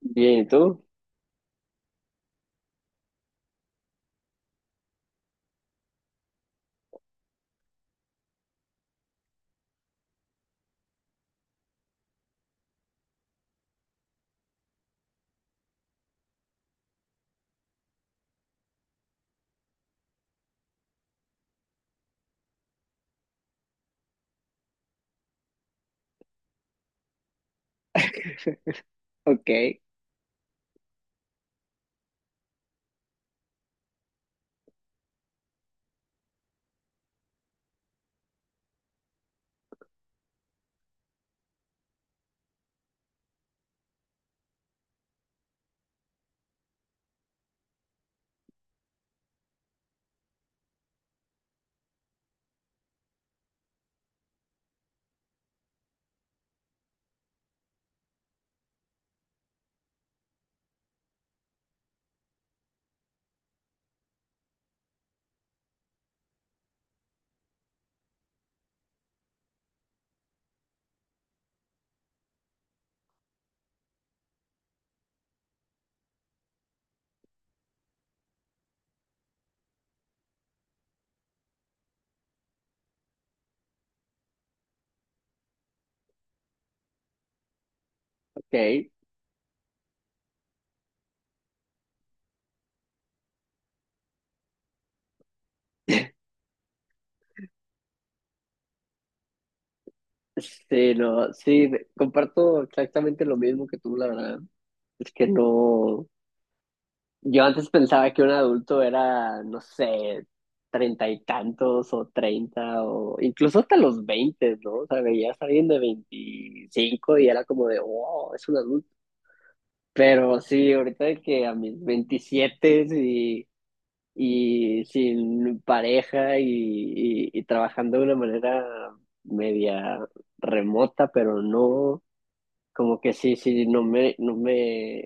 Bien, ¿y tú? Ok, ok. Sí, no, sí, comparto exactamente lo mismo que tú, la verdad. Es que no, yo antes pensaba que un adulto era, no sé, treinta y tantos o treinta o incluso hasta los veinte, ¿no? O sea, veías a alguien de veinticinco y era como de, wow, es un adulto. Pero sí, ahorita de que a mis veintisiete y sin pareja y trabajando de una manera media remota, pero no, como que sí, sí,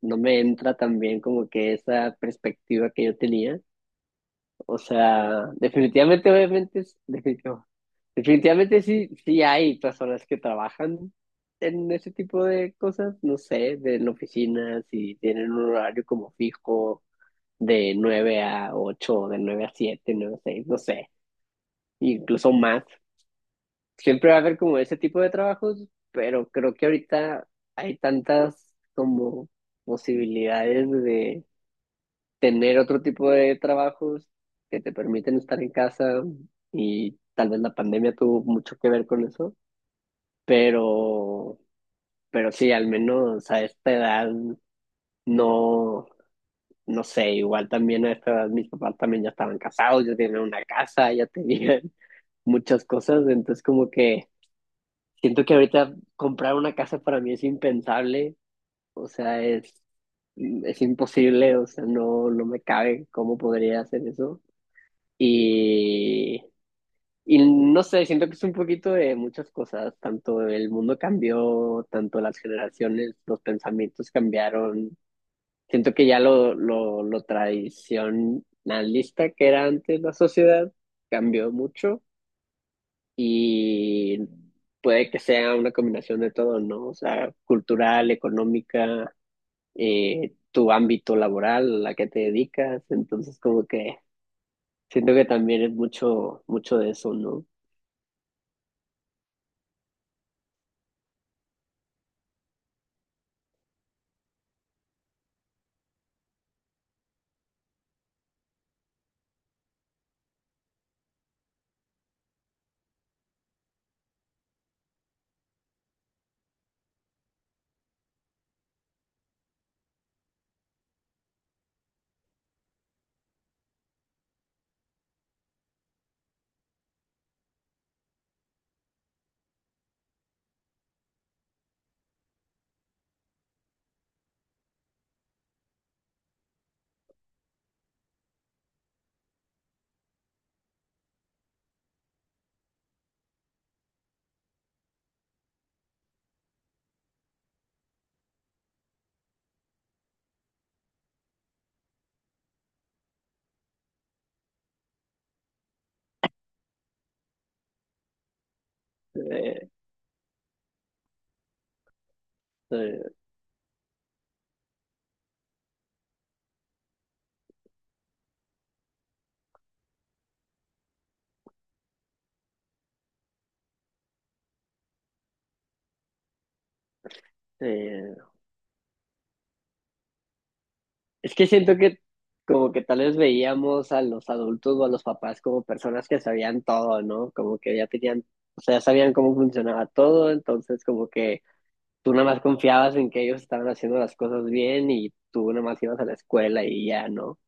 no me entra también como que esa perspectiva que yo tenía. O sea, definitivamente, obviamente, definitivamente sí, sí hay personas que trabajan en ese tipo de cosas, no sé, de en oficinas y tienen un horario como fijo de 9 a 8, de 9 a 7 9 a 6 no sé, incluso más. Siempre va a haber como ese tipo de trabajos, pero creo que ahorita hay tantas como posibilidades de tener otro tipo de trabajos que te permiten estar en casa y tal vez la pandemia tuvo mucho que ver con eso, pero, pero sí, al menos a esta edad no. no sé, igual también a esta edad mis papás también ya estaban casados, ya tenían una casa, ya tenían muchas cosas, entonces como que siento que ahorita comprar una casa para mí es impensable, o sea, es imposible, o sea, no, no me cabe cómo podría hacer eso. Y, y no sé, siento que es un poquito de muchas cosas, tanto el mundo cambió, tanto las generaciones, los pensamientos cambiaron. Siento que ya lo tradicionalista que era antes la sociedad cambió mucho y puede que sea una combinación de todo, ¿no? O sea, cultural, económica, tu ámbito laboral, a qué te dedicas. Entonces, como que siento que también es mucho, mucho de eso, ¿no? Eh, eh, eh, Es que siento que como que tal vez veíamos a los adultos o a los papás como personas que sabían todo, ¿no? Como que ya tenían, o sea, ya sabían cómo funcionaba todo, entonces como que tú nada más confiabas en que ellos estaban haciendo las cosas bien y tú nada más ibas a la escuela y ya, ¿no?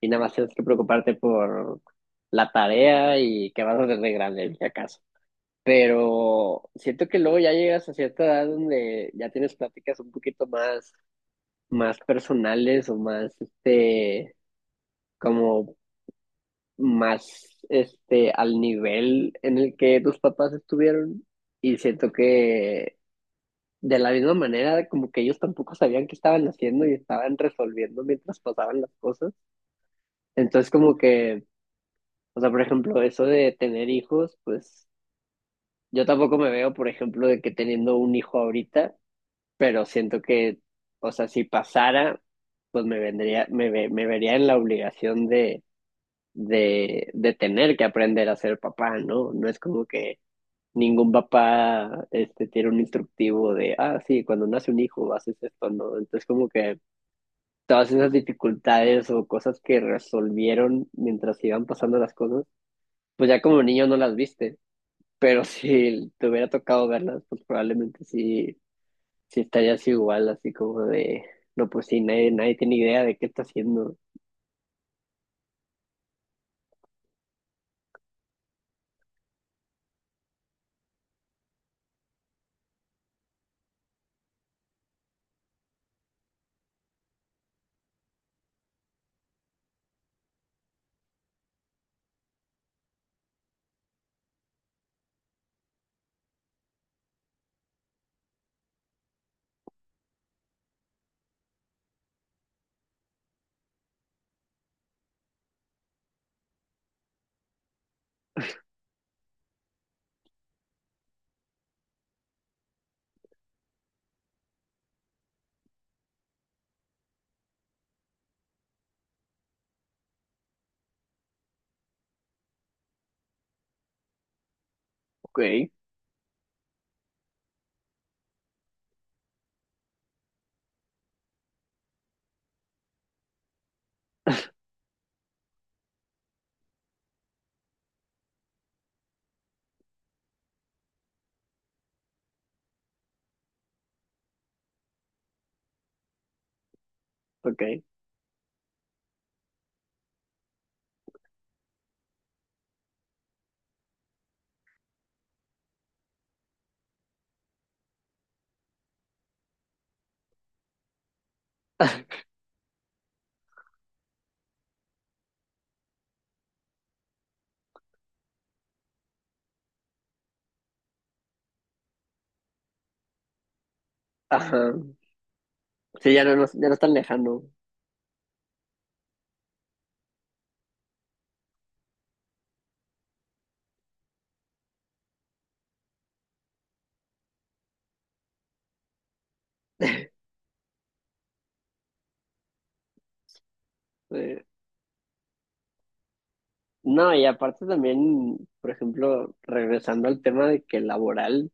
Y nada más tienes que preocuparte por la tarea y qué vas a hacer de grande, si acaso. Pero siento que luego ya llegas a cierta edad donde ya tienes pláticas un poquito más personales o más, como más al nivel en el que tus papás estuvieron y siento que de la misma manera como que ellos tampoco sabían qué estaban haciendo y estaban resolviendo mientras pasaban las cosas. Entonces como que, o sea, por ejemplo, eso de tener hijos, pues yo tampoco me veo, por ejemplo, de que teniendo un hijo ahorita, pero siento que, o sea, si pasara, pues me vendría, me, ve- me vería en la obligación de de tener que aprender a ser papá, ¿no? No es como que ningún papá tiene un instructivo de, ah, sí, cuando nace un hijo haces esto, ¿no? Entonces como que todas esas dificultades o cosas que resolvieron mientras iban pasando las cosas, pues ya como niño no las viste, pero si te hubiera tocado verlas, pues probablemente sí, sí estarías igual, así como de, no, pues sí, nadie, nadie tiene idea de qué está haciendo. Ok, ok. Ajá. Sí, ya no, ya no es tan lejano. Eh, no, y aparte también, por ejemplo, regresando al tema de que laboral,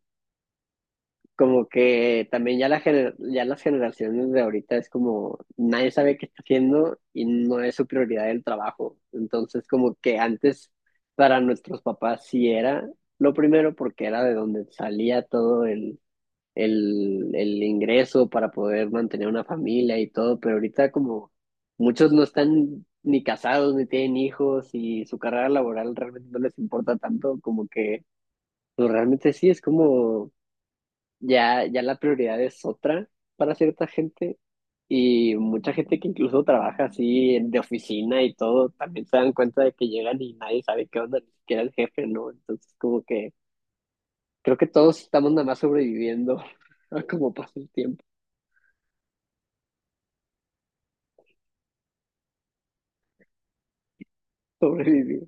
como que también ya, ya las generaciones de ahorita es como nadie sabe qué está haciendo y no es su prioridad el trabajo. Entonces, como que antes para nuestros papás sí era lo primero porque era de donde salía todo el ingreso para poder mantener una familia y todo, pero ahorita como muchos no están ni casados ni tienen hijos y su carrera laboral realmente no les importa tanto, como que pues, realmente sí, es como ya, ya la prioridad es otra para cierta gente y mucha gente que incluso trabaja así de oficina y todo, también se dan cuenta de que llegan y nadie sabe qué onda, ni siquiera el jefe, ¿no? Entonces como que creo que todos estamos nada más sobreviviendo a cómo pasa el tiempo. Sobrevivir,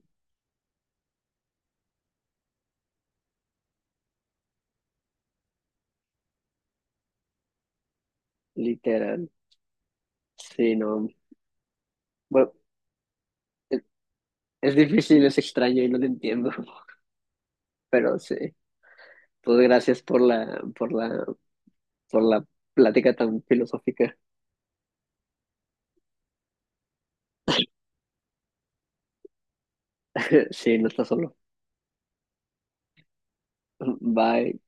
literal. Sí, no. Bueno, e- es difícil, es extraño y no te entiendo, pero sí. Pues gracias por la, por la, por la plática tan filosófica. Sí, no estás solo. Bye.